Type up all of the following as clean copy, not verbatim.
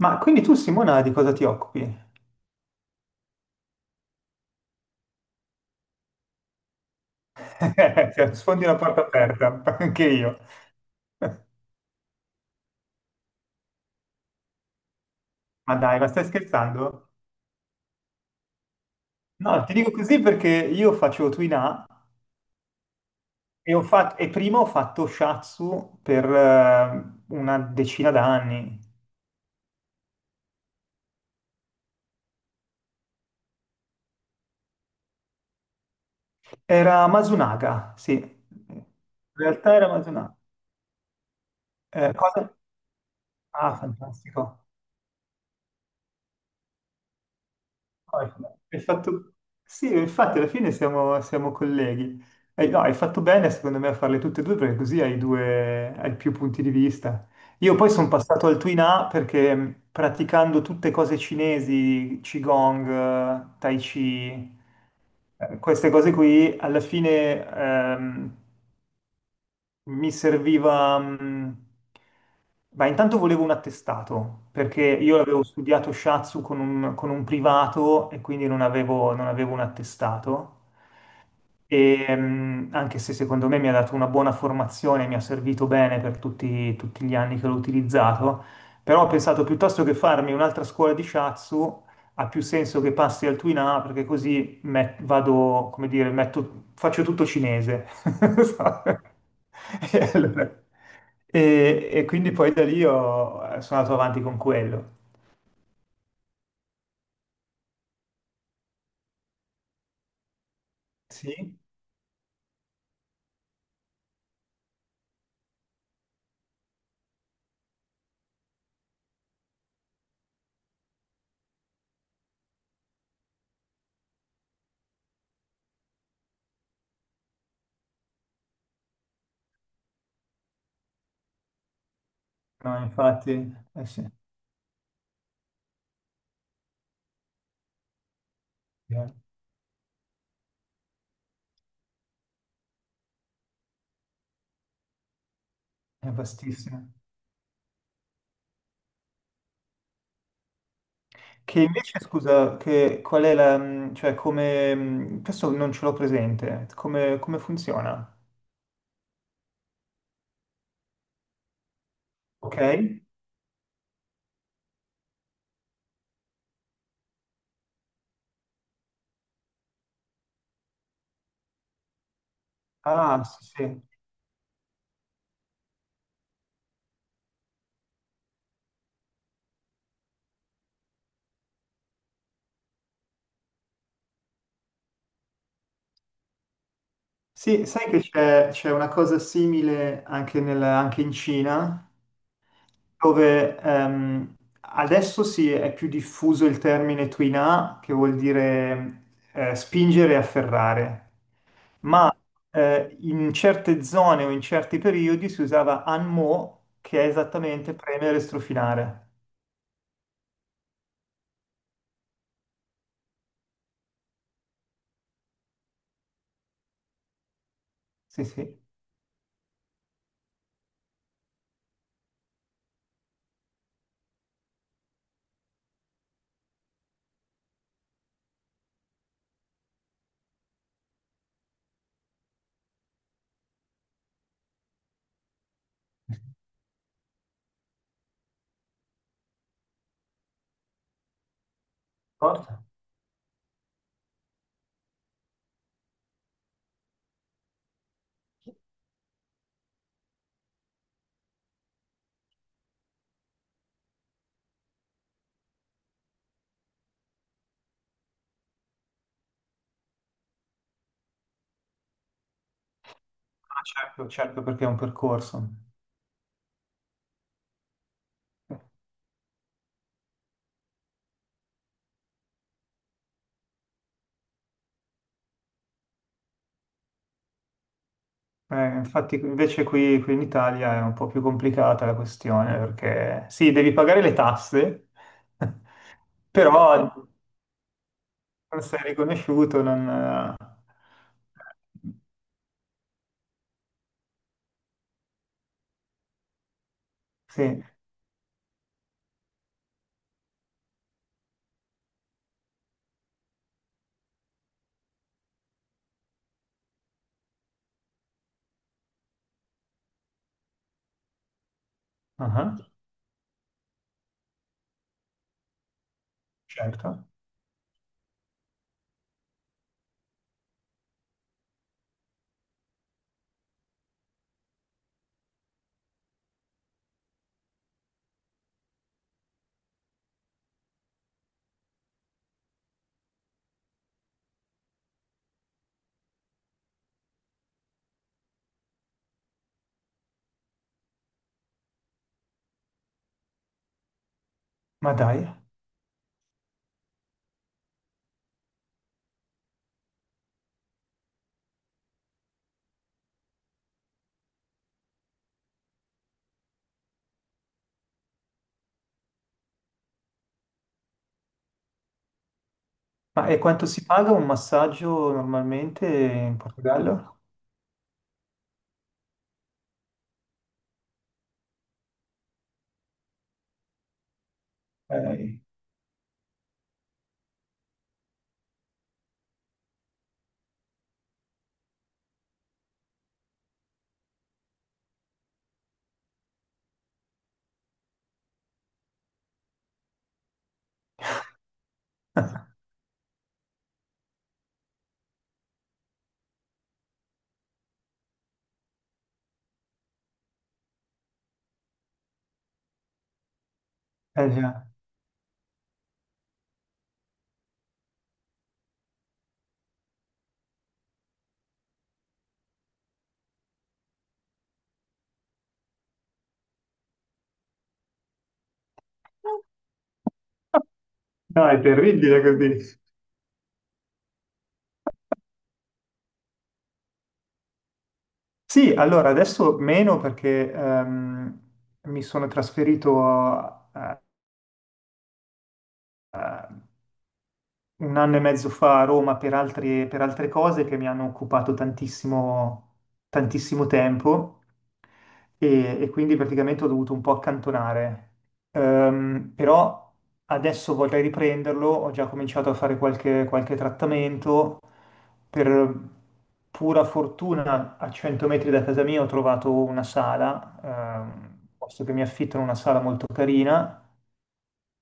Ma quindi tu, Simona, di cosa ti occupi? Cioè, sfondi una porta aperta, anche io. Ma dai, ma stai scherzando? No, ti dico così perché io faccio Twina e, ho fatto, e prima ho fatto Shatsu per una decina d'anni. Era Masunaga, sì. In realtà era Masunaga. Cosa? Ah, fantastico. No, hai fatto... Sì, infatti alla fine siamo colleghi. Hai, no, hai fatto bene secondo me a farle tutte e due perché così hai due, hai più punti di vista. Io poi sono passato al Twin A perché praticando tutte cose cinesi, Qigong, Tai Chi, queste cose qui, alla fine mi serviva... Beh, intanto volevo un attestato, perché io avevo studiato shatsu con un privato e quindi non avevo un attestato. E, anche se secondo me mi ha dato una buona formazione, mi ha servito bene per tutti gli anni che l'ho utilizzato, però ho pensato piuttosto che farmi un'altra scuola di shatsu, ha più senso che passi al Twin A perché così vado, come dire, faccio tutto cinese. Sai? E, allora- e quindi poi da lì sono andato avanti con quello. Sì, no, infatti, eh sì, è è vastissimo. Che invece, scusa, che qual è la, cioè come, questo non ce l'ho presente, come, come funziona? Ok? Ah, sì, sì. Sì, sai che c'è una cosa simile anche, anche in Cina, dove adesso sì, è più diffuso il termine tuina, che vuol dire spingere e afferrare, ma in certe zone o in certi periodi si usava anmo, che è esattamente premere e strofinare. Sì, sì. Forza. Ah, certo, certo, perché è un percorso. Infatti invece qui, qui in Italia è un po' più complicata la questione perché sì, devi pagare le tasse, però non sei riconosciuto, non... sì, ah, certo. Ma dai, ma e quanto si paga un massaggio normalmente in Portogallo? Eh, eh già. No, è terribile così. Sì, allora adesso meno perché mi sono trasferito a, un anno e mezzo fa a Roma per per altre cose che mi hanno occupato tantissimo, tantissimo tempo e quindi praticamente ho dovuto un po' accantonare. Però adesso vorrei riprenderlo, ho già cominciato a fare qualche trattamento. Per pura fortuna a 100 metri da casa mia ho trovato una sala, posto che mi affittano una sala molto carina.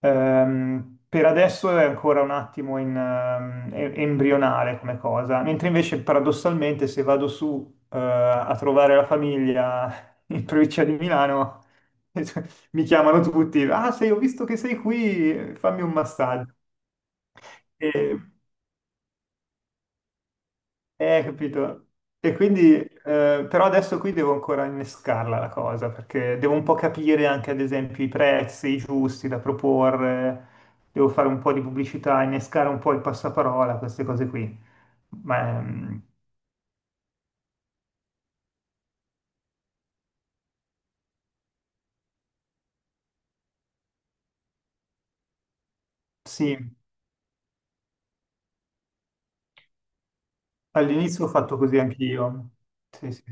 Per adesso è ancora un attimo in, embrionale come cosa, mentre invece paradossalmente se vado su, a trovare la famiglia in provincia di Milano, mi chiamano tutti, ah, sei, ho visto che sei qui, fammi un massaggio. E eh, capito. E quindi, però adesso qui devo ancora innescarla la cosa, perché devo un po' capire anche, ad esempio, i prezzi giusti da proporre, devo fare un po' di pubblicità, innescare un po' il passaparola, queste cose qui. Ma sì, all'inizio ho fatto così anch'io. Sì, sì.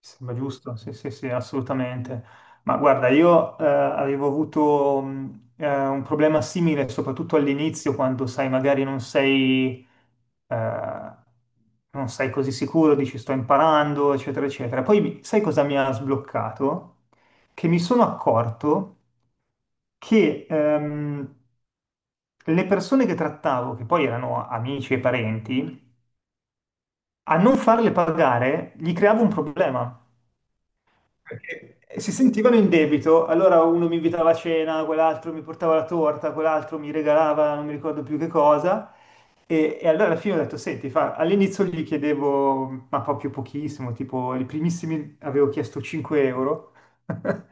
Sembra giusto, sì, sì, sì, assolutamente. Ma guarda, io avevo avuto un problema simile, soprattutto all'inizio, quando sai, magari non sei, eh, non sei così sicuro, dici sto imparando, eccetera, eccetera. Poi sai cosa mi ha sbloccato? Che mi sono accorto che le persone che trattavo, che poi erano amici e parenti, a non farle pagare gli creavo un problema. Perché si sentivano in debito, allora uno mi invitava a cena, quell'altro mi portava la torta, quell'altro mi regalava non mi ricordo più che cosa. E allora alla fine ho detto, senti, fa, all'inizio gli chiedevo, ma proprio pochissimo, tipo i primissimi avevo chiesto 5 euro.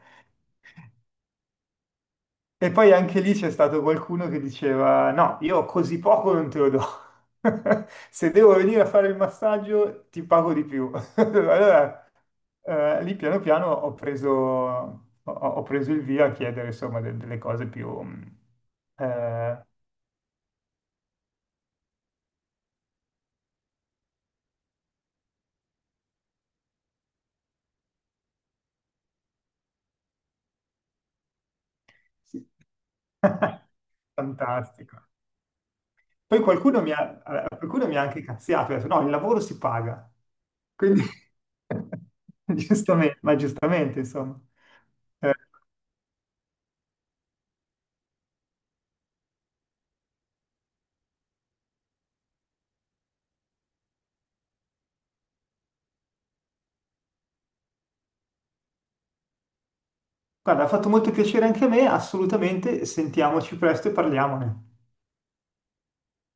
E poi anche lì c'è stato qualcuno che diceva, no, io così poco non te lo do. Se devo venire a fare il massaggio, ti pago di più. Allora lì piano piano ho preso, ho preso il via a chiedere insomma delle cose più... eh, sì. Fantastico. Poi qualcuno mi ha anche cazziato, ha detto no, il lavoro si paga. Quindi, giustamente, ma giustamente, insomma. Eh, guarda, ha fatto molto piacere anche a me, assolutamente, sentiamoci presto e parliamone.